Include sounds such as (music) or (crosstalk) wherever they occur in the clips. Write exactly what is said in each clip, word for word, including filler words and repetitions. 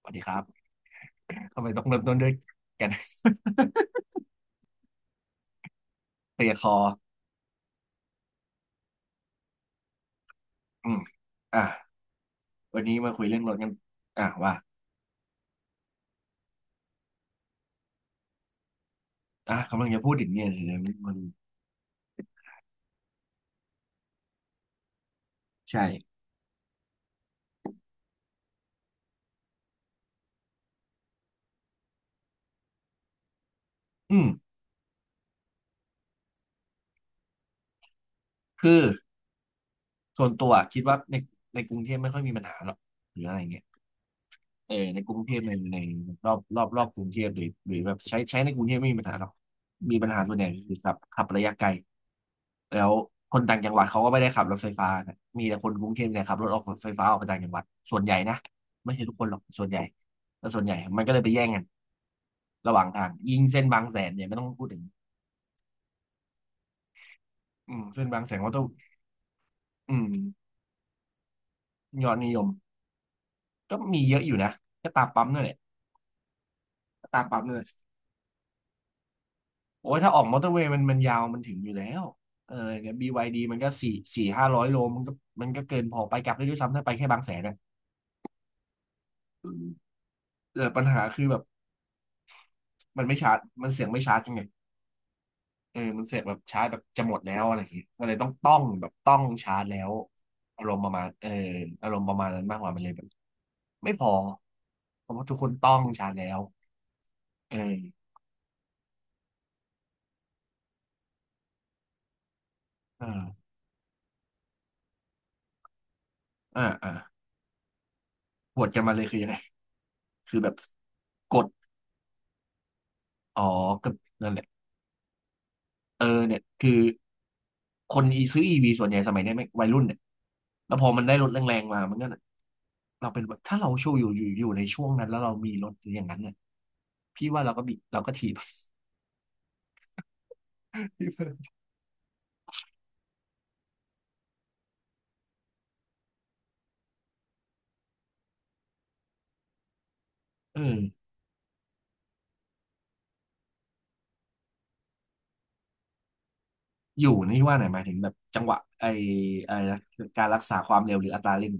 สวัสดีครับทำไมต้องเริ่มต้นด้วยกัน (laughs) เคลียร์คออืมอ่ะวันนี้มาคุยเรื่องรถกันอ่ะว่าอ่ะกำลังจะพูดถึงเนี่ยเลยนะมันใช่อืมคือส่วนตัวคิดว่าในในกรุงเทพไม่ค่อยมีปัญหาหรอกหรืออะไรเงี้ย เออในกรุงเทพในในรอบรอบรอบกรุงเทพหรือหรือแบบใช้ใช้ในกรุงเทพไม่มีปัญหาหรอกมีปัญหาส่วนใหญ่คือขับขับระยะไกลแล้วคนต่างจังหวัดเขาก็ไม่ได้ขับรถไฟฟ้านะมีแต่คนกรุงเทพเนี่ยขับรถออกรถไฟฟ้าออกไปต่างจังหวัดส่วนใหญ่นะไม่ใช่ทุกคนหรอกส่วนใหญ่แต่ส่วนใหญ่มันก็เลยไปแย่งกันระหว่างทางยิ่งเส้นบางแสนเนี่ยไม่ต้องพูดถึงอืมเส้นบางแสนก็ต้องอืมยอดนิยมก็มีเยอะอยู่นะก็ตามปั๊มนั่นแหละก็ตามปั๊มนั่นแหละ โอ้ยถ้าออกมอเตอร์เวย์มันมันยาวมันถึงอยู่แล้วเออเนี่ย บี วาย ดี มันก็สี่สี่ห้าร้อยโลมันก็มันก็เกินพอไปกลับได้ด้วยซ้ำถ้าไปแค่บางแสนนะเออปัญหาคือแบบมันไม่ชาร์จมันเสียงไม่ชาร์จยังไงเออมันเสียงแบบชาร์จแบบจะหมดแล้วอะไรอย่างเงี้ยก็เลยต้องต้องแบบต้องชาร์จแล้วอารมณ์ประมาณเอออารมณ์ประมาณนั้นมากกว่ามันเลยแบบไม่พอเพราะว่าทุกคนต้องชาร์จแล้วเอออ่าอ่าอ่าปวดกันมาเลยคือยังไงคือแบบกดอ๋อก็นั่นแหละ เออเนี่ยคือคนอีซื้ออีวีส่วนใหญ่สมัยเนี้ยไม่วัยรุ่นเนี่ยแล้วพอมันได้รถแรงๆมามันก็เนี่ยเราเป็นแบบถ้าเราช่วงอยู่อยู่อยู่ในช่วงนั้นแล้วเรามีรถอย่างนั้นเนี่ยพี่ว่าเราก็บีเราก็ถีบ (laughs) เอออยู่นี่ว่าไหนหมายถึงแบบจังหวะไอไอนะการรักษาความเร็วหรืออัตราเร่ง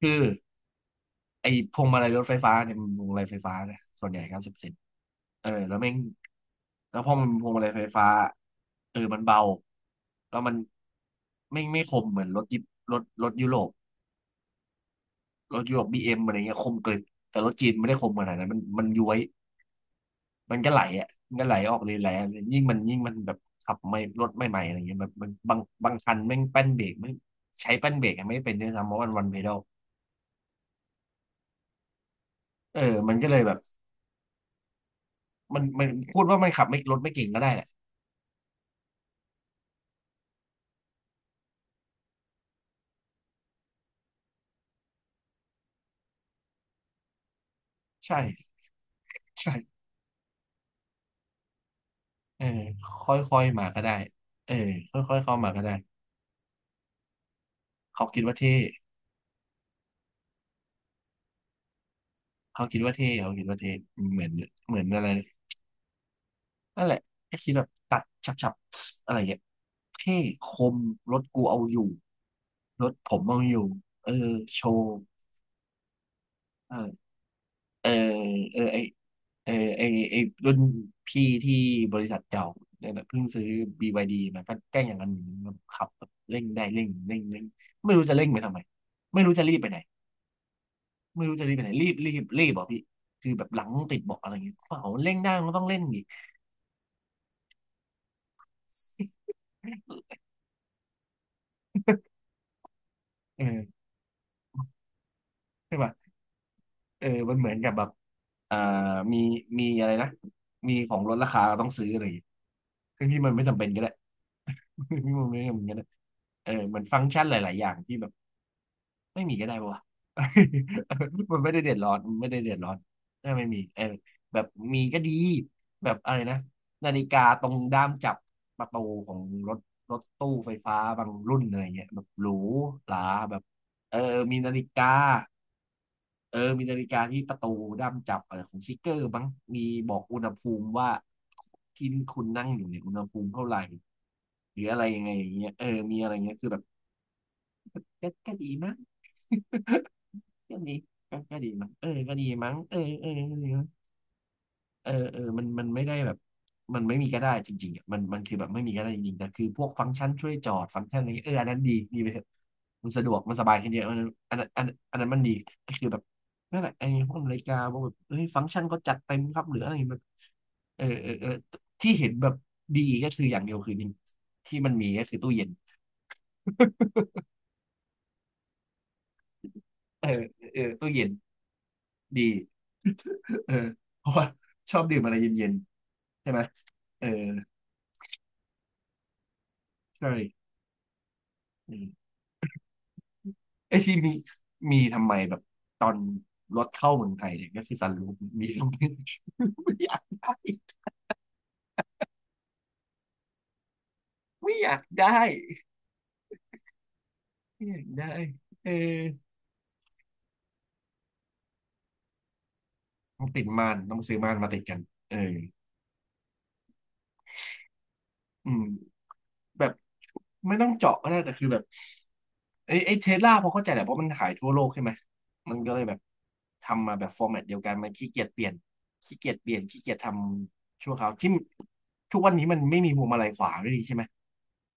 คือ ไอ้พวงมาลัยรถไฟฟ้าเนี่ยมันพวงมาลัยไฟฟ้าเนี่ยส่วนใหญ่เก้าสิบเซนเออแล้วแม่งแล้วพอมันเป็นพวงมาลัยไฟฟ้าเออมันเบาแล้วมันไม่ไม่คมเหมือนรถยิปรถรถยุโรปรถยุโรปบีเอ็มอะไรเงี้ยคมกริบแต่รถจีนไม่ได้คมขนาดนั้นมันมันย้วยมันก็ไหลอ่ะมันก็ไหลออกเลยแหละยิ่งมันยิ่งมันแบบขับไม่รถไม่ใหม่อะไรเงี้ยแบบมันบางบางคันแม่งแป้นเบรกไม่ใช้แป้นเบรกอะไม่เป็นด้วยซ้ำเพราะมันวันเพดลเออมันก็เลยแบบมันมันพูดว่ามันขับไม่รถไม่เก่งก็ได้แหละ ใช่ใช่เออค่อยๆมาก็ได้เออค่อยๆเข้ามาก็ได้เขาคิดว่าเท่เขาคิดว่าเท่เขาคิดว่าเท่เหมือนเหมือนอะไรนั่นแหละแค่คิดแบบตัดฉับๆอะไรอย่างเงี้ยเท่คมรถกูเอาอยู่รถผมเอาอยู่เออโชว์เออเออเออไอเออไอไอรุ่นพี่ที่บริษัทเก่าเนี่ยนะเพิ่งซื้อ บี วาย ดี มาก็แกล้งอย่างนั้นขับแบบเร่งได้เร่งเร่งเร่งไม่รู้จะเร่งไปทำไมไม่รู้จะรีบไปไหน ไม่รู้จะรีบไปไหนรีบรีบรีบบอกอพี่คือแบบหลังติดเบอกอะไรอย่างเงี้ยเปล่าเร่งได้มันก็ต้องเล่งดิเออใช่ป่ะเออมันเหมือนกับแบบอ่ามีมีอะไรนะมีของลดราคาเราต้องซื้ออะไรอย่างเงี้ยคือที่มันไม่จำเป็นก็ได้ (laughs) ที่มันไม่จำเป็นก็ได้เออเหมือนฟังก์ชันหลายๆอย่างที่แบบ ไม่มีก็ได้ปะวะ (laughs) มันไม่ได้เดือดร้อนมันไม่ได้เดือดร้อนถ้าไม่มีเออแบบมีก็ดีแบบอะไรนะนาฬิกาตรงด้ามจับประตูของรถรถตู้ไฟฟ้าบางรุ่นอะไรเงี้ยแบบหรูหราแบบเออมีนาฬิกาเออมีนาฬิกาที่ประตูด้ามจับอะไรของซิกเกอร์บ้างมีบอกอุณหภูมิว่าที่คุณนั่งอยู่เนี่ยอุณหภูมิเท่าไหร่หรืออะไรยังไงอย่างเงี้ยเออมีอะไรเงี้ยคือแบบก็ก็ดีนะ ก็ดีก็ก็ดีมั้งเออก็ดีมั้งเออเออก็ดีมั้งเออเออมันมันไม่ได้แบบมันไม่มีก็ได้จริงๆอ่ะมันมันคือแบบไม่มีก็ได้จริงๆแต่คือพวกฟังก์ชันช่วยจอดฟังก์ชันอะไรเงี้ยเอออันนั้นดีดีไปเถอะมันสะดวกมันสบายขึ้นเยอะอันนั้นอันนั้นอันอันนั้นมันดี ก็คือแบบนั่นแหละไอ้พวกนาฬิกาพวกแบบเฮ้ยฟังก์ชันก็จัดเต็มครับหรืออะไรแบบเออเออเออที่เห็นแบบดีก็คืออย่างเดียวคือนี่ที่มันมีก็คือตู้เย็นเออเออเออตู้เย็นดี เออเพราะว่าชอบดื่มอะไรเย็นๆใช่ไหมเออใช่อืมไอที่มีมีทำไมแบบตอนรถเข้าเมืองไทยเนี่ยก็คือซันรูฟมีทำไม (laughs) ไม่อยากได้ไม่อยากได้ไม่อยากได้เออต้องติดม่านต้องซื้อม่านมาติดกันเอออืม แบบไม่ต้องเจาะก็ได้แต่คือแบบไอ้ไอ้เทสลาพอเข้าใจแหละเพราะมันขายทั่วโลกใช่ไหมมันก็เลยแบบทำมาแบบฟอร์แมตเดียวกันมันขี้เกียจเปลี่ยนขี้เกียจเปลี่ยนขี้เกียจทำชั่วคราวที่ทุกวันนี้มันไม่มีพวงมาลัยขวาไม่ดีใช่ไหม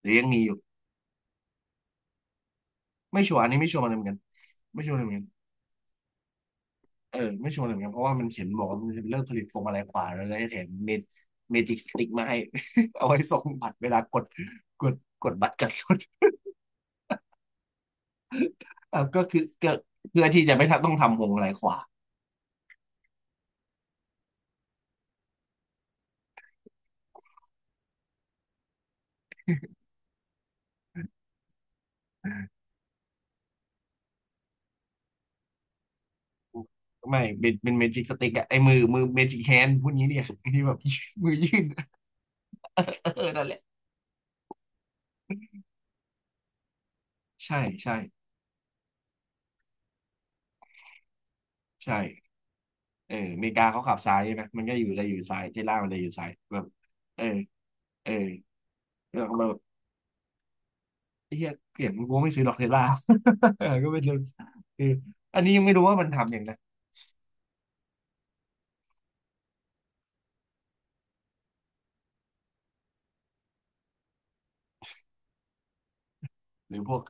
หรือยังมีอยู่ไม่ชัวร์อันนี้ไม่ชัวร์มันเหมือนกันไม่ชัวร์เลยเหมือนกันเออไม่ชัวร์เลยเหมือนกันเพราะว่ามันเขียนบอกว่ามันจะเลิกผลิตพวงมาลัยขวาแล้วแล้วจะแถมเมจิกสติ๊กมาให้ (laughs) เอาไว้ส่งบัตรเวลากดกดกดบัตรกันรถ เออก็คือก็เพื่อที่จะไม่ต้องทำวงอะไรขวาอ่าไม่เป็นเป็นเมจิกสติกอะไอ้มือมือเมจิกแฮนด์พวกนี้เนี่ย (laughs) ที่แบบ (laughs) มือยื่น (laughs) เออนั่นแหละใช่ใช่ใช่เอออเมริกาเขาขับซ้ายใช่ไหมมันก็อยู่เลยอยู่ซ้ายเทสลามันเลยอยู่ซ้ายแบบเออเออแล้วก็แบบเฮียเกลียดกูไม่ซื้อหรอกเทสลา (laughs) เออก็เป็นเรื่องคืออันนี้ยังไม่รู้ว่ามันทำอย่างนะหรือพวก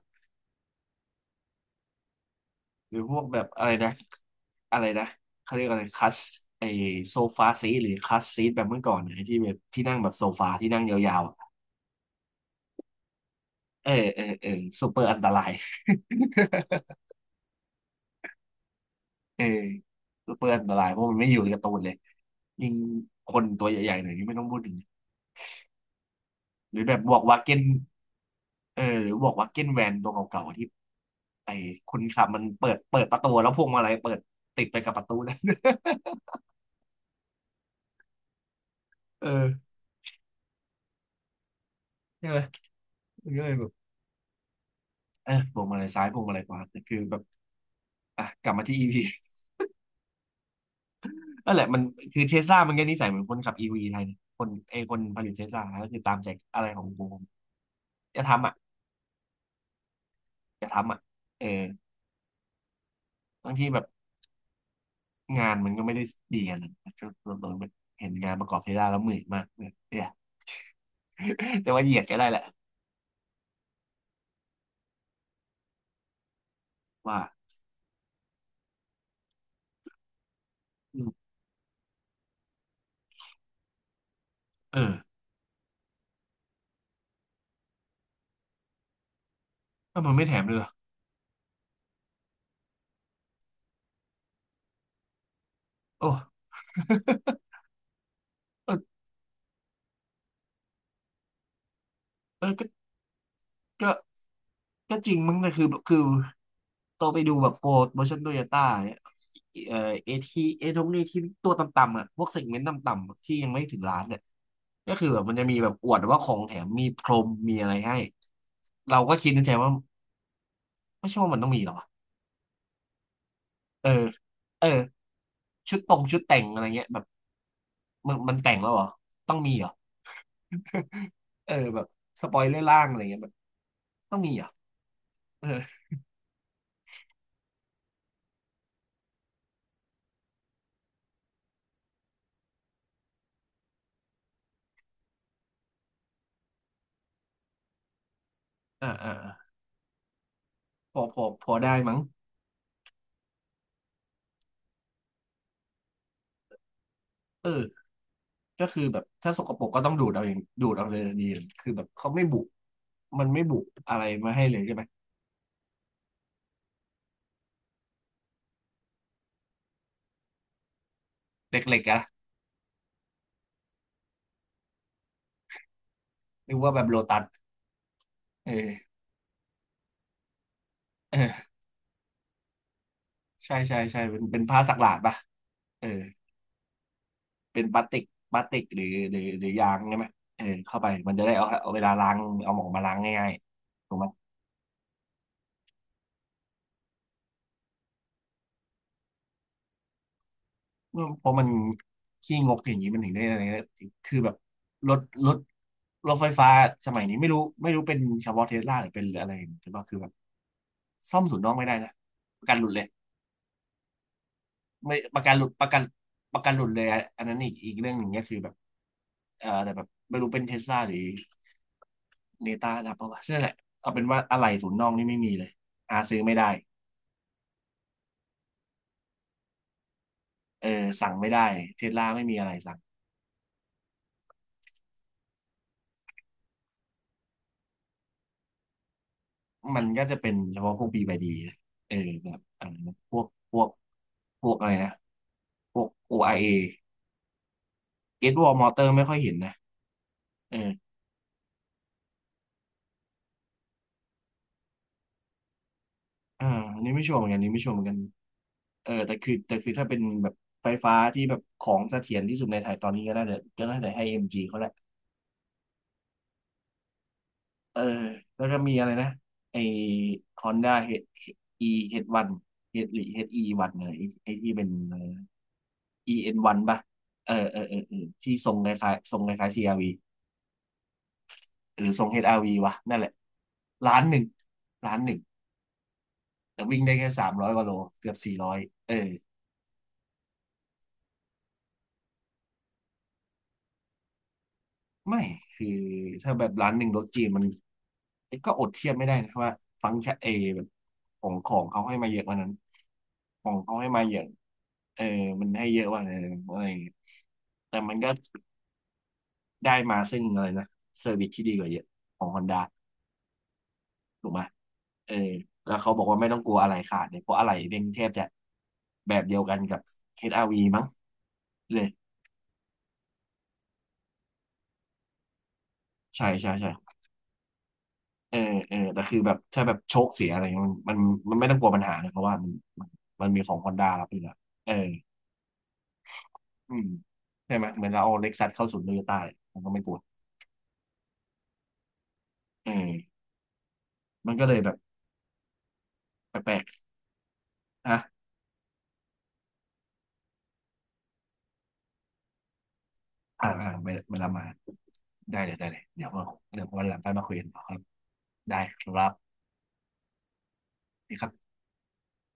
หรือพวกแบบอะไรนะ อะไรนะเขาเรียกอะไรคัสไอโซฟาซีหรือคัสซีทแบบเมื่อก่อนนะไอ้ที่แบบที่นั่งแบบโซฟาที่นั่งยาวๆอะเออเออเออซูเปอร์อันตรายเออซูเปอร์อันตรายเพราะมันไม่อยู่ในการ์ตูนเลยยิ่งคนตัวใหญ่ๆหน่อยนี่ไม่ต้องพูดถึงหรือแบบบอกวาเก้นเออหรือบอกวาเก้นแวนตัวเก่าๆที่ไอ้คนขับมันเปิดเปิดประตูแล้วพวงมาลัยเปิดติดไปกับประตูนั้น (laughs) เออใช่ไหมมันก็เลยแบบเออพวงมาลัยซ้ายพวงมาลัยขวาแต่คือแบบอ่ะกลับมาที่อีพี นั่นแหละมันคือเทสลามันก็นิสัยเหมือนคนขับอีวีไทยเนี่ยคนไอคนผลิตเทสลาก็คือตามใจอะไรของกูอย่าทำอ่ะจย่าทำอ่ะเออบางทีแบบงานมันก็ไม่ได้ดีกันนะก็โดนเห็นงานประกอบเทสลาแล้วเหนื่อยมากเนี่ยเนี่ย (laughs) แต่ว่าเหยียดก็ได้แหละว่าอืมเออก็มันไม่แถมเลยเหรอโอ้เออเออก็ก็ก็จริงมั้งนะคือคือโตไปดูแบบโปร์ชั่นโตโยต้าเนี่ยเอ่อเอทีเอทงเอทีตัวต่ำๆอ่ะพวกเซกเมนต์ต่ำๆที่ยังไม่ถึงล้านเนี่ย ก็คือแบบมันจะมีแบบอวดว่าของแถมมีพรมมีอะไรให้เราก็คิดในใจว่าไม่ใช่ว่ามันต้องมีหรอเออเออชุดตรงชุดแต่งอะไรเงี้ยแบบมันมันแต่งแล้วเหรอต้องมีเหรอ (laughs) เออแบบสปอยเลอร์ล่างอะไรเงี้ยแบบต้องมีเหรอเอออ่าอ่าอ่าพอพอพอได้มั้งเออก็คือแบบถ้าสกปรกก็ต้องดูดเอาเองดูดเอาเลยดีคือแบบเขาไม่บุมันไม่บุอะไรมาให้เลยใช่ไหมเล็กๆอะหะนึกว่าแบบโลตัสเออเออ ใช่ใช่ใช่เป็นเป็นผ้าสักหลาดป่ะเออเป็นพลาสติกพลาสติกหรือหรือหรือยางใช่ไหมเออเข้าไปมันจะได้เอาเอาเวลาล้างเอาหมองมาล้างง่ายๆถูกไหมเออเพราะมันขี้งกอย่างนี้มันถึงได้อะไรนะคือแบบรถรถรถไฟฟ้าสมัยนี้ไม่รู้ไม่รู้เป็นเฉพาะเทสลาหรือเป็นอะไรหรือเปล่าคือแบบซ่อมศูนย์นอกไม่ได้นะประกันหลุดเลย ไม่ประกันหลุดประกันประกันหลุดเลยอะอันนั้นอีกอีกเรื่องหนึ่งก็คือแบบเออแต่แบบไม่รู้เป็นเทสลาหรือเนต้านะเพราะว่านั่นแหละเอาเป็นว่าอะไรศูนย์น้องนี่ไม่มีเลยหาซื้อไม่ได้เออสั่งไม่ได้เทสลาไม่มีอะไรสั่งมันก็จะเป็นเฉพาะพวกบีบดีเออแบบอะไรนะพวกพวกพวกอะไรนะพวก โอ ไอ เอ เก t วอลมอเตอร์ไม่ค่อยเห็นนะเออ อ่าอันนี้ไม่ชัวร์เหมือนกันอันนี้ไม่ชัวร์เหมือนกันเออแต่คือแต่คือถ้าเป็นแบบไฟฟ้าที่แบบของเสถียรที่สุดในไทยตอนนี้ก็น่าจะก็น่าจะให้ เอ็ม จี เขาแหละเออแล้วก็มีอะไรนะไอ Honda H- E เอช วัน H หรือเอชอีวัหนึ่งเนี่ยไอไอที่เป็นอะไรนะ อี เอ็น วัน ป่ะเออเออเออเออที่ทรงคล้ายๆทรงคล้ายๆ c ว v หรือทรง เอช อาร์ วี ววะนั่นแหละล้านหนึ่งล้านหนึ่งแต่วิ่งได้แค่สามร้อยกว่าโลเกือบสี่ร้อยเออ ไม่คือถ้าแบบร้านหนึ่งรสจีนมันเอ้ยก็อดเทียบไม่ได้นะครับว่าฟังก์ชันเอแบบของของเขาให้มาเยอะกว่านั้นของเขาให้มาเยอะเออมันให้เยอะกว่านั้นอะไรอย่างเงี้ยแต่มันก็ได้มาซึ่งอะไรนะเซอร์วิสที่ดีกว่าเยอะของฮอนด้าถูกไหมเออแล้วเขาบอกว่าไม่ต้องกลัวอะไรขาดเนี่ยเพราะอะไรเป็นแทบจะแบบเดียวกันกับ เอช อาร์ วี มั้งเลยใช่ใช่ใช่ เออเออแต่คือแบบถ้าแบบโชคเสียอะไรเงี้ยมันมันมันไม่ต้องกลัวปัญหาเลยเพราะว่ามันมันมันมีของฮอนด้ารับอยู่แล้วเอออืมใช่ไหมเหมือนเราเอาเล็กซัสเข้าศูนย์โตโยต้ายมันก็ไม่กลัวเออมันก็เลยแบบแปลกๆฮะอ่าอ่าเวลาเวลามาได้เลยได้เลยเดี๋ยวว่าเดี๋ยววันหลังไปมาคุยกันต่อครับได้ครับนี่ครับ